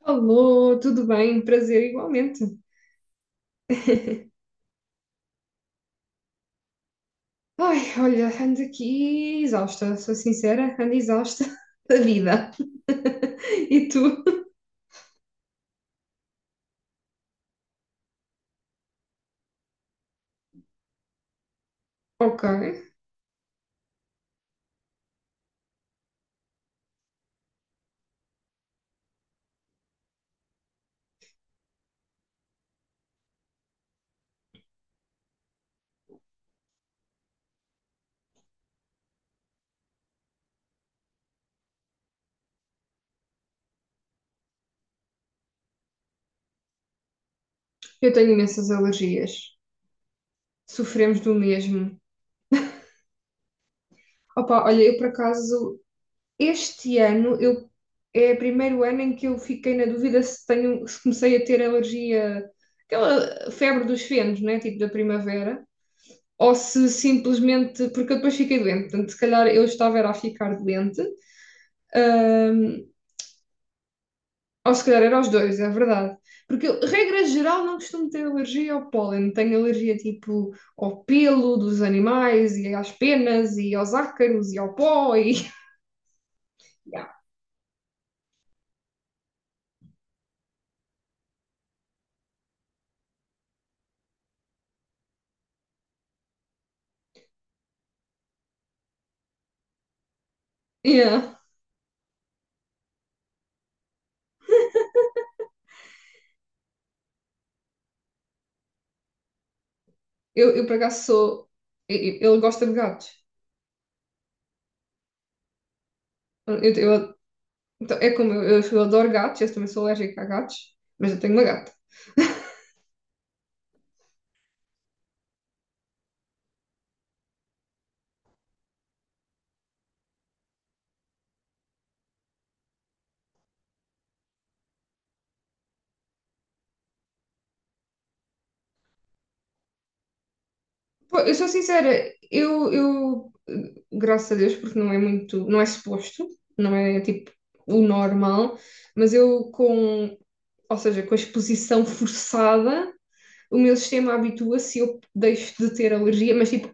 Alô, tudo bem? Prazer igualmente. Ai, olha, ando aqui exausta, sou sincera, ando exausta da vida. E tu? Ok, eu tenho imensas alergias. Sofremos do mesmo. Opa, olha, eu por acaso, este ano, é o primeiro ano em que eu fiquei na dúvida se tenho, se comecei a ter alergia, aquela febre dos fenos, né? Tipo da primavera. Ou se simplesmente, porque eu depois fiquei doente, portanto, se calhar eu estava era a ficar doente. Ahm, ou se calhar era aos dois, é verdade. Porque eu, regra geral, não costumo ter alergia ao pólen. Tenho alergia tipo ao pelo dos animais e às penas e aos ácaros e ao pó e yeah. Yeah. Eu, por acaso, sou e- ele gosta de gatos. Eu, eu- então, é como eu, eu adoro gatos, eu também sou alérgica a gatos, mas eu tenho uma gata. Pô, eu sou sincera, eu, graças a Deus, porque não é muito, não é suposto, não é tipo o normal, mas ou seja, com a exposição forçada, o meu sistema habitua-se e eu deixo de ter alergia, mas tipo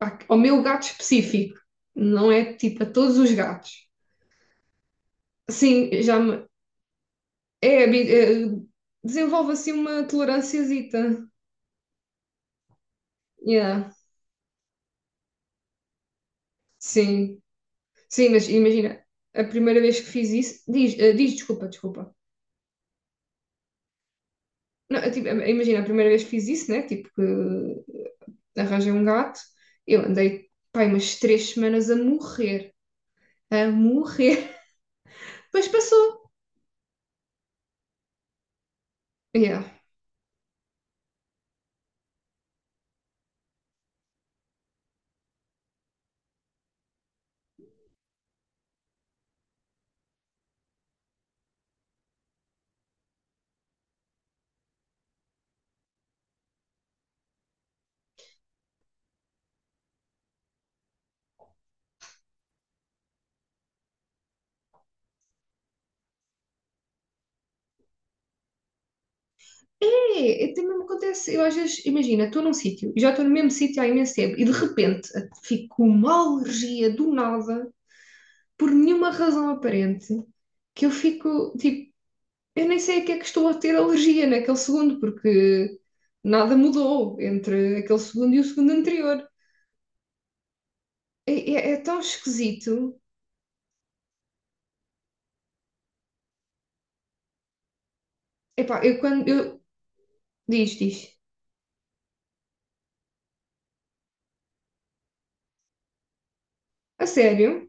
ao meu gato específico, não é tipo a todos os gatos. Sim, já me, é, habi- eh, desenvolve assim uma tolerânciazita. Yeah, sim. Sim, mas imagina, a primeira vez que fiz isso, diz, diz, desculpa, desculpa. Não, tipo, imagina, a primeira vez que fiz isso, né? Tipo, que arranjei um gato, eu andei, pai, umas 3 semanas a morrer, mas passou. Yeah. É, é, também me acontece, eu às vezes, imagina, estou num sítio, e já estou no mesmo sítio há imenso tempo, e de repente fico com uma alergia do nada, por nenhuma razão aparente, que eu fico, tipo, eu nem sei a que é que estou a ter alergia naquele segundo, porque nada mudou entre aquele segundo e o segundo anterior. É, é tão esquisito. Epá, eu quando. Eu, diz, diz. A sério?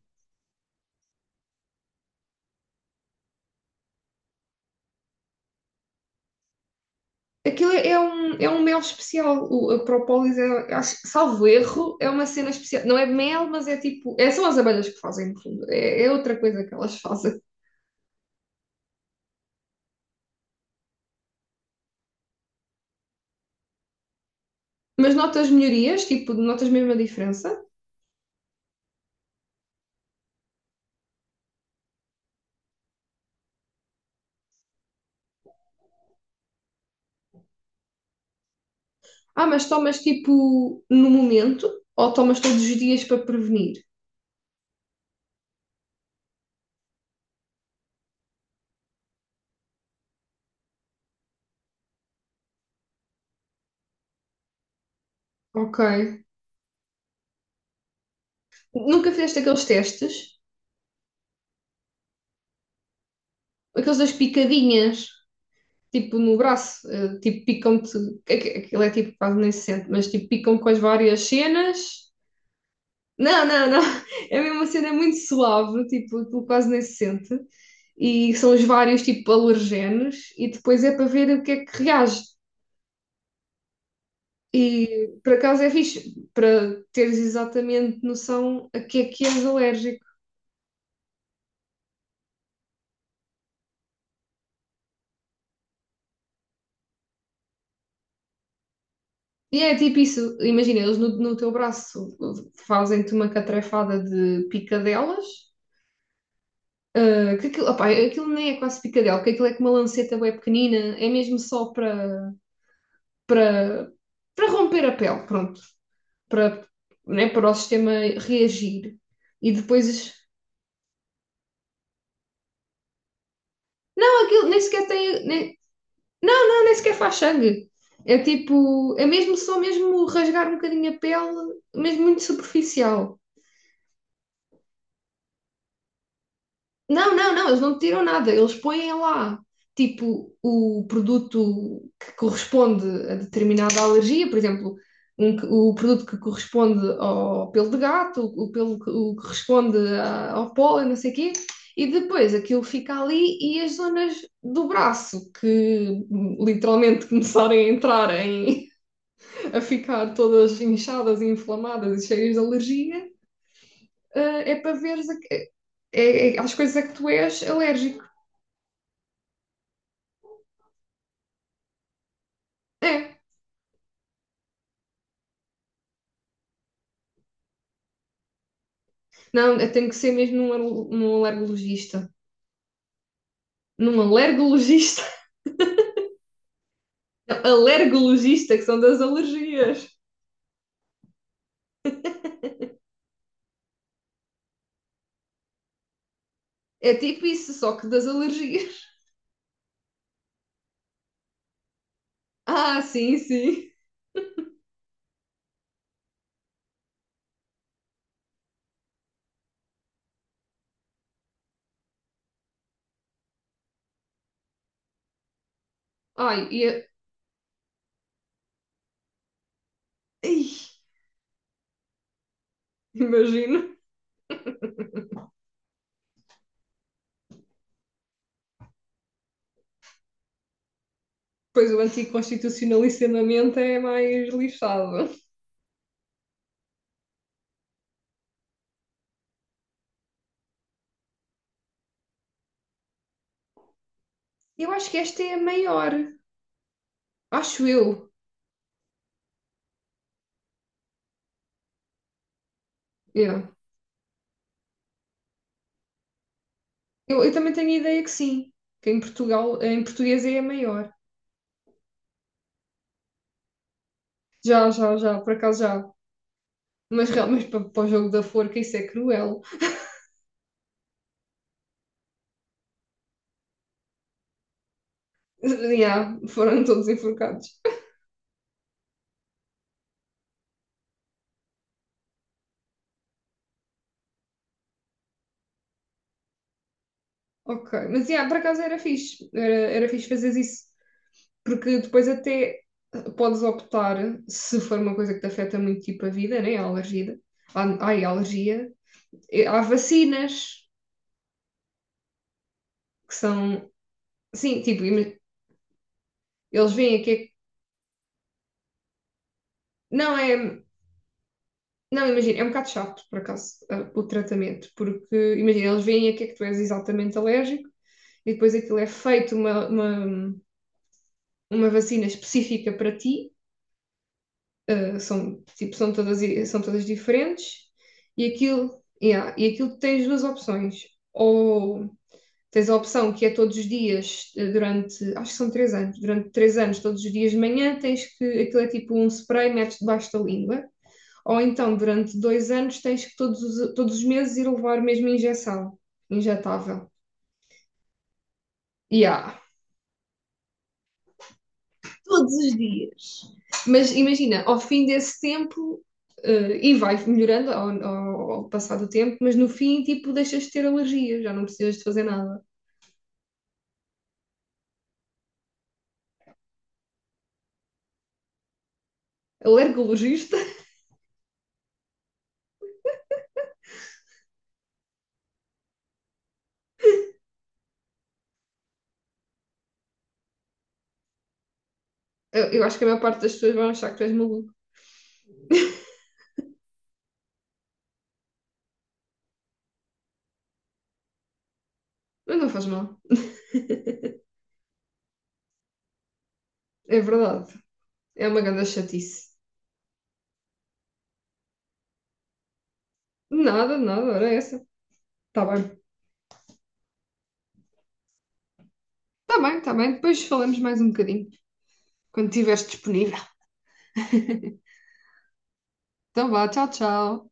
Aquilo é um mel especial. O, a propólis é, acho, salvo erro, é uma cena especial. Não é mel, mas é tipo. É, são as abelhas que fazem, no fundo. É, é outra coisa que elas fazem. Mas notas melhorias, tipo, notas mesmo a diferença. Ah, mas tomas tipo no momento ou tomas todos os dias para prevenir? Ok. Nunca fizeste aqueles testes? Aqueles das picadinhas, tipo no braço, tipo picam-te. Aquilo é tipo quase nem se sente, mas tipo picam com as várias cenas. Não, não, não. É mesmo uma cena muito suave, tipo, aquilo quase nem se sente. E são os vários tipo alergenos, e depois é para ver o que é que reage. E por acaso é fixe, para teres exatamente noção a que é que és alérgico. E é tipo isso, imagina, eles no teu braço fazem-te uma catrefada de picadelas, ah, que aquilo, opá, aquilo nem é quase picadela, porque aquilo é com uma lanceta bem pequenina, é mesmo só para para romper a pele, pronto, para, né, para o sistema reagir. E depois, não, aquilo nem sequer tem, nem, não, não, nem sequer faz sangue. É tipo, é mesmo só mesmo rasgar um bocadinho a pele, mesmo muito superficial. Não, não, não, eles não tiram nada, eles põem lá, tipo, o produto que corresponde a determinada alergia, por exemplo, o produto que corresponde ao pelo de gato, o que corresponde ao pólen, não sei o quê, e depois aquilo fica ali e as zonas do braço que literalmente começarem a entrar em, a ficar todas inchadas e inflamadas e cheias de alergia, é para veres a, às coisas a que tu és alérgico. É. Não, eu tenho que ser mesmo num, num alergologista. Num alergologista? Não, alergologista, que são das alergias. É tipo isso, só que das alergias. Ah, sim, sim. Ai, ai, imagino. Pois o anticonstitucionalissimamente é mais lixado. Eu acho que esta é a maior. Acho eu. Yeah. Eu também tenho a ideia que sim. Que em Portugal, em português é a maior. Já, já, já, por acaso já. Mas, mas para o jogo da forca isso é cruel. Yeah, foram todos enforcados. Ok, mas yeah, por acaso era fixe, era fixe fazer isso, porque depois até podes optar, se for uma coisa que te afeta muito tipo a vida, né? A alergia, a, ai, a alergia. Há vacinas que são, sim, tipo, eles veem aqui, não é, não, imagina, é um bocado chato, por acaso, ah, o tratamento, porque, imagina, eles veem a que é que tu és exatamente alérgico e depois aquilo é feito uma vacina específica para ti. São, tipo, são todas diferentes e aquilo, yeah, e aquilo tens duas opções. Ou tens a opção que é todos os dias, durante, acho que são 3 anos, durante 3 anos, todos os dias de manhã, tens que, aquilo é tipo um spray, metes debaixo da língua. Ou então, durante 2 anos, tens que todos os meses ir levar mesmo injeção injetável. Yeah. Todos os dias. Mas imagina, ao fim desse tempo, e vai melhorando ao passar do tempo, mas no fim, tipo, deixas de ter alergias, já não precisas de fazer nada. Alergologista? Eu acho que a maior parte das pessoas vão achar que tu és maluco, mas não faz mal, é verdade, é uma grande chatice. Nada, nada, era essa. Tá bem, tá bem, depois falamos mais um bocadinho, quando estiveres disponível. Então vá, tchau, tchau.